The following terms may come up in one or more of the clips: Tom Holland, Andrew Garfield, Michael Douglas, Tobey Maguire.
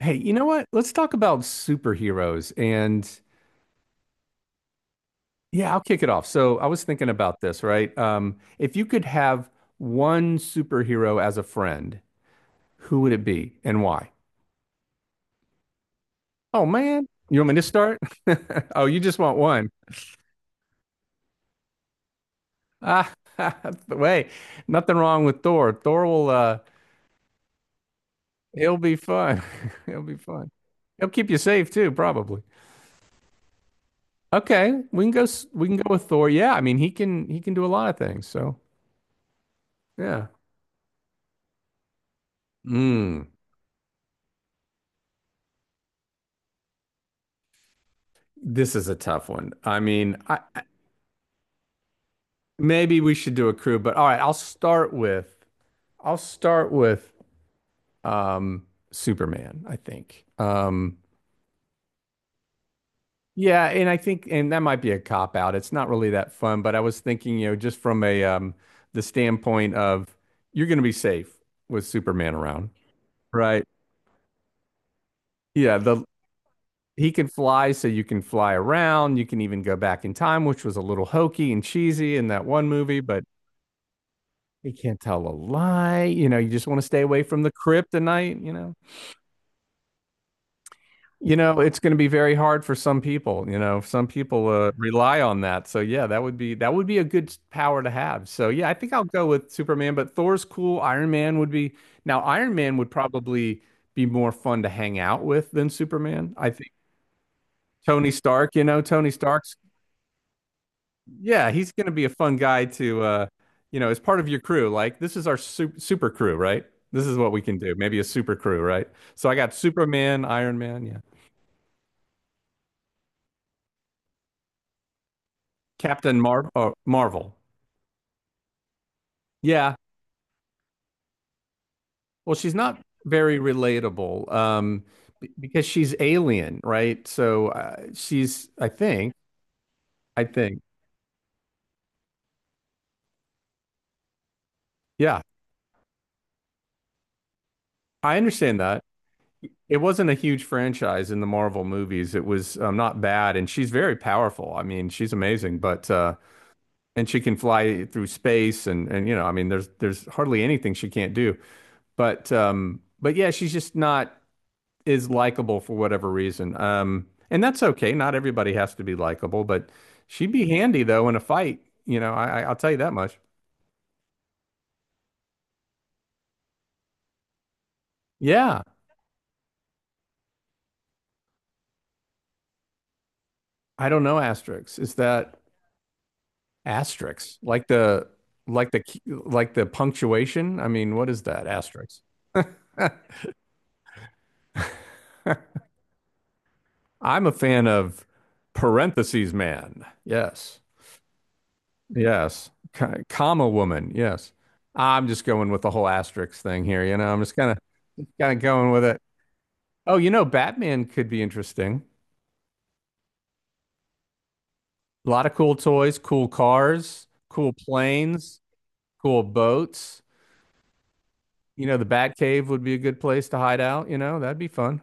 Hey, you know what? Let's talk about superheroes. And yeah, I'll kick it off. So I was thinking about this, right? If you could have one superhero as a friend, who would it be and why? Oh, man. You want me to start? Oh, you just want one. Ah, wait, nothing wrong with Thor. Thor will, he'll be fun. He'll be fun. He'll keep you safe too, probably. Okay, we can go, we can go with Thor. Yeah, I mean, he can do a lot of things. So yeah. Mm. This is a tough one. I mean, maybe we should do a crew, but all right, I'll start with Superman, I think. Yeah, and I think and that might be a cop out. It's not really that fun, but I was thinking, you know, just from a the standpoint of you're going to be safe with Superman around, right? Yeah, the He can fly so you can fly around. You can even go back in time, which was a little hokey and cheesy in that one movie. He can't tell a lie. You know, you just want to stay away from the kryptonite, you know. You know, it's going to be very hard for some people, you know. Some people rely on that. So yeah, that would be a good power to have. So yeah, I think I'll go with Superman, but Thor's cool. Iron Man would be now Iron Man would probably be more fun to hang out with than Superman. I think Tony Stark's yeah, he's going to be a fun guy to, you know, as part of your crew. Like, this is our super, super crew, right? This is what we can do. Maybe a super crew, right? So I got Superman, Iron Man, yeah, Captain Marvel. Yeah. Well, she's not very relatable, because she's alien, right? So she's, I think, yeah, I understand that. It wasn't a huge franchise in the Marvel movies. It was not bad, and she's very powerful. I mean, she's amazing, but and she can fly through space and you know, I mean, there's hardly anything she can't do. But but yeah, she's just not is likable for whatever reason. And that's okay. Not everybody has to be likable, but she'd be handy though in a fight. You know, I'll tell you that much. Yeah, I don't know asterisks. Is that asterisks like the like the punctuation? I mean, what is that asterisk? I'm a fan of parentheses man. Yes. Yes. Kama woman. Yes. I'm just going with the whole asterisk thing here. You know, I'm just kind of going with it. Oh, you know, Batman could be interesting. A lot of cool toys, cool cars, cool planes, cool boats. You know, the Batcave would be a good place to hide out. You know, that'd be fun.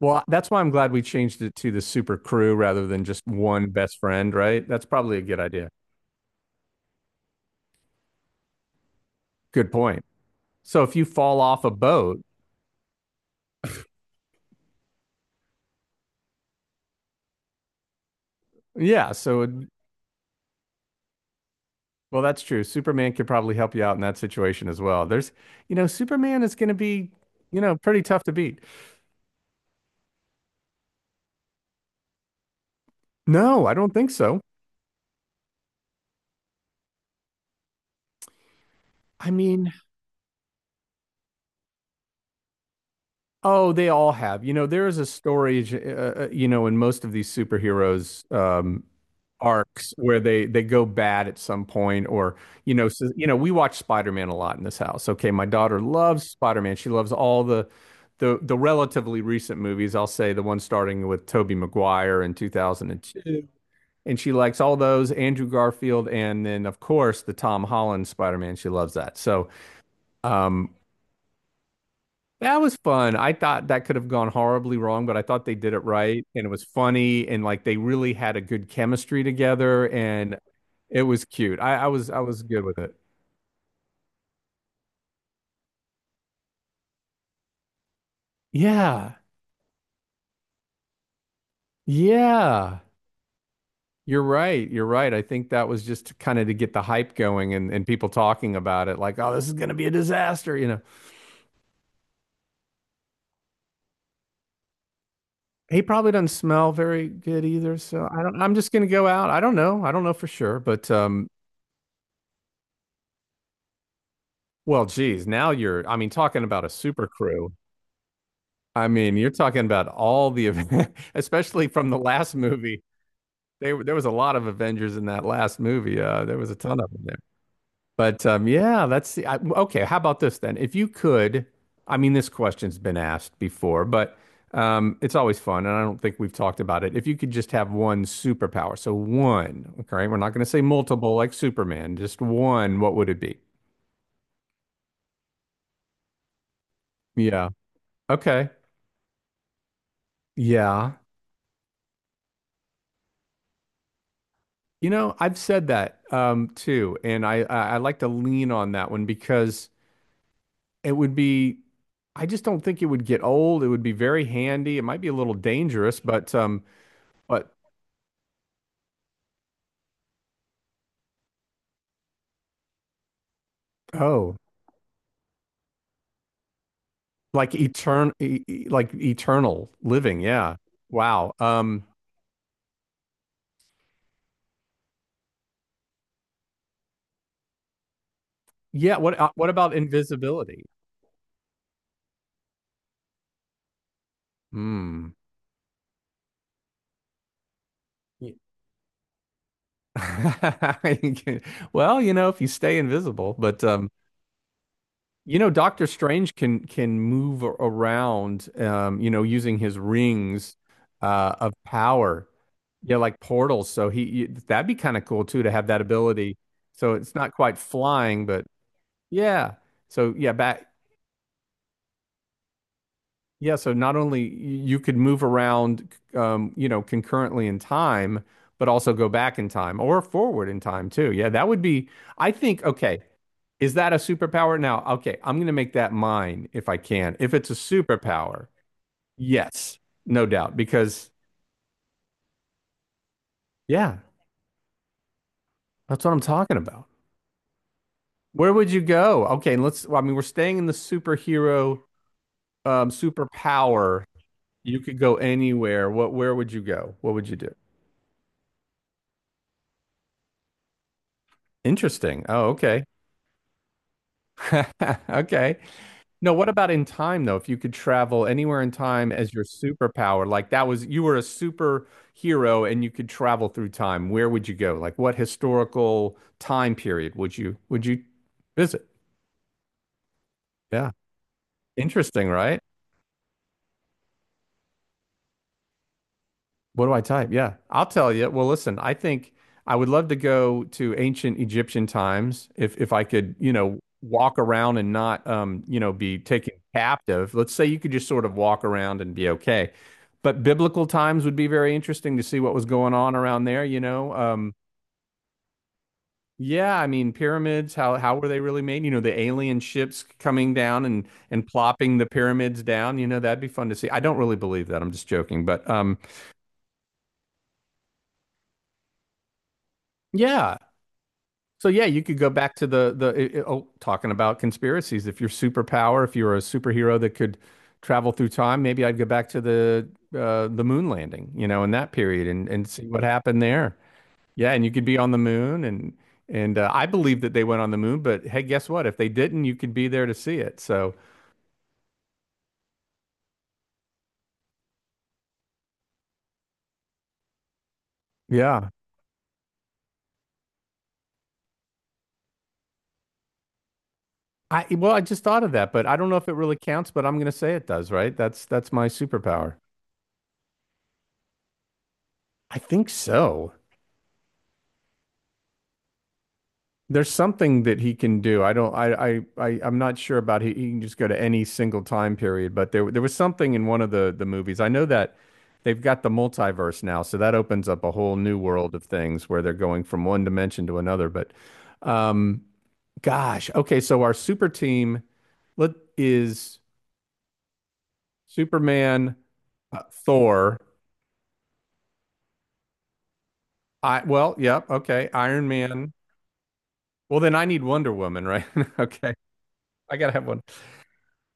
Well, that's why I'm glad we changed it to the super crew rather than just one best friend, right? That's probably a good idea. Good point. So if you fall off a boat, yeah, so it Well, that's true. Superman could probably help you out in that situation as well. You know, Superman is going to be, you know, pretty tough to beat. No, I don't think so. I mean, oh, they all have. You know, there is a story, you know, in most of these superheroes arcs where they go bad at some point, or you know, so, you know, we watch Spider-Man a lot in this house. Okay, my daughter loves Spider-Man. She loves all the the relatively recent movies. I'll say the one starting with Tobey Maguire in 2002 and she likes all those Andrew Garfield and then of course the Tom Holland Spider-Man. She loves that. So um that was fun. I thought that could have gone horribly wrong, but I thought they did it right and it was funny and like they really had a good chemistry together and it was cute. I was good with it. Yeah. Yeah. You're right. You're right. I think that was just kind of to get the hype going and people talking about it, like, oh, this is gonna be a disaster, you know. He probably doesn't smell very good either, so I don't. I'm just gonna go out. I don't know. I don't know for sure, but well, geez, now you're. I mean, talking about a super crew. I mean, you're talking about all the, especially from the last movie. There was a lot of Avengers in that last movie. There was a ton of them there. But yeah, okay. How about this then? If you could, I mean, this question's been asked before, but it's always fun, and I don't think we've talked about it. If you could just have one superpower, so one, okay, we're not going to say multiple like Superman, just one, what would it be? Yeah. Okay. Yeah. You know, I've said that too, and I like to lean on that one because it would be. I just don't think it would get old. It would be very handy. It might be a little dangerous, but but Oh, like like eternal living. Yeah. Wow. Yeah. What what about invisibility? Hmm. Ye- You can- Well, you know, if you stay invisible, but you know, Doctor Strange can move around. You know, using his rings, of power. Yeah, like portals. So that'd be kind of cool too to have that ability. So it's not quite flying, but yeah. So yeah, back. Yeah, so not only you could move around, you know, concurrently in time, but also go back in time or forward in time too. Yeah, that would be, I think, okay, is that a superpower? Now, okay, I'm going to make that mine if I can. If it's a superpower, yes, no doubt, because yeah, that's what I'm talking about. Where would you go? Okay, and well, I mean, we're staying in the superhero, superpower. You could go anywhere. Where would you go? What would you do? Interesting. Oh, okay. Okay. No, what about in time though? If you could travel anywhere in time as your superpower, like that was you were a superhero and you could travel through time, where would you go? Like what historical time period would you visit? Yeah. Interesting, right? What do I type? Yeah, I'll tell you. Well, listen, I think I would love to go to ancient Egyptian times if I could, you know, walk around and not, you know, be taken captive. Let's say you could just sort of walk around and be okay. But biblical times would be very interesting to see what was going on around there, you know. Yeah, I mean, pyramids, how were they really made? You know, the alien ships coming down and plopping the pyramids down, you know, that'd be fun to see. I don't really believe that. I'm just joking, but yeah. So yeah, you could go back to the oh, talking about conspiracies. If you're superpower, if you're a superhero that could travel through time, maybe I'd go back to the moon landing, you know, in that period and see what happened there. Yeah, and you could be on the moon and I believe that they went on the moon, but hey, guess what? If they didn't, you could be there to see it. So yeah, I well, I just thought of that, but I don't know if it really counts, but I'm gonna say it does, right? That's my superpower. I think so. There's something that he can do. I don't I I'm not sure about he can just go to any single time period, but there was something in one of the movies. I know that they've got the multiverse now, so that opens up a whole new world of things where they're going from one dimension to another. But um gosh, okay, so our super team let is Superman, Thor, okay, Iron Man. Well, then I need Wonder Woman, right? Okay. I gotta have one.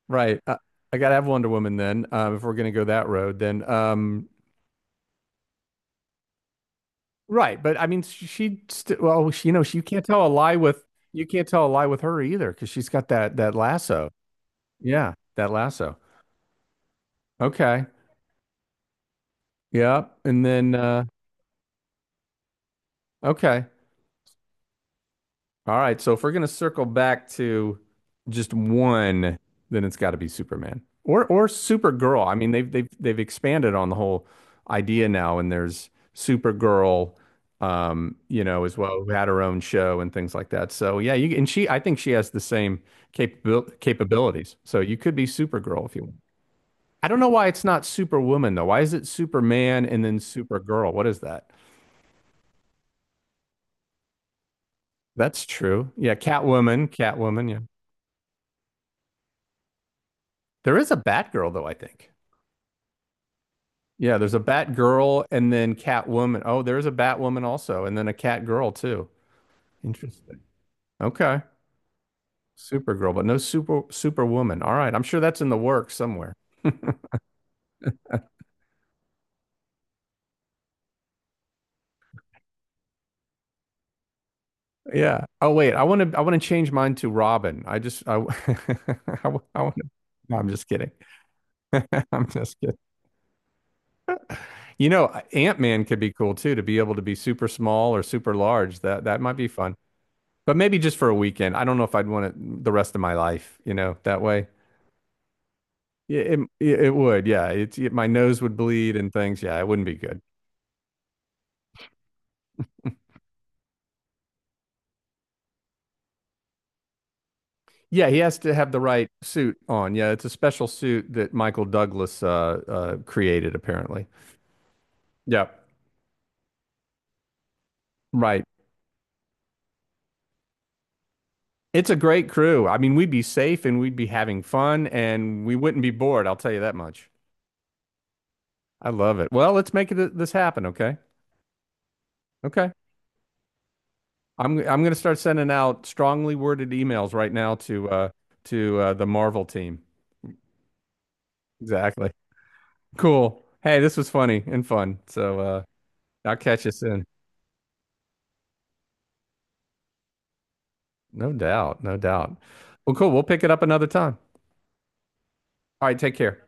Right. I gotta have Wonder Woman then, if we're gonna go that road, then right. But I mean she st well, you know, you can't tell a lie with her either because she's got that lasso. Yeah, that lasso. Okay. Yeah. And then okay. All right, so if we're gonna circle back to just one, then it's got to be Superman or Supergirl. I mean, they've they've expanded on the whole idea now, and there's Supergirl, you know, as well, who had her own show and things like that. So yeah, you and she, I think she has the same capabilities. So you could be Supergirl if you want. I don't know why it's not Superwoman though. Why is it Superman and then Supergirl? What is that? That's true. Yeah, Catwoman. Yeah, there is a Batgirl though, I think. Yeah, there's a Bat Girl and then Catwoman. Oh, there's a Batwoman also, and then a Cat Girl too. Interesting. Okay. Supergirl, but no Superwoman. All right. I'm sure that's in the works somewhere. Yeah. Oh, wait. I want to change mine to Robin. I just I want to No, I'm just kidding. I'm just kidding. You know, Ant-Man could be cool too to be able to be super small or super large. That might be fun. But maybe just for a weekend. I don't know if I'd want it the rest of my life, you know, that way. Yeah, it would. Yeah, my nose would bleed and things. Yeah, it wouldn't be good. Yeah, he has to have the right suit on. Yeah, it's a special suit that Michael Douglas created, apparently. Yeah, right. It's a great crew. I mean, we'd be safe and we'd be having fun and we wouldn't be bored. I'll tell you that much. I love it. Well, let's make this happen. Okay. Okay. I'm going to start sending out strongly worded emails right now to to the Marvel team. Exactly. Cool. Hey, this was funny and fun. So. I'll catch you soon. No doubt. No doubt. Well, cool. We'll pick it up another time. All right. Take care.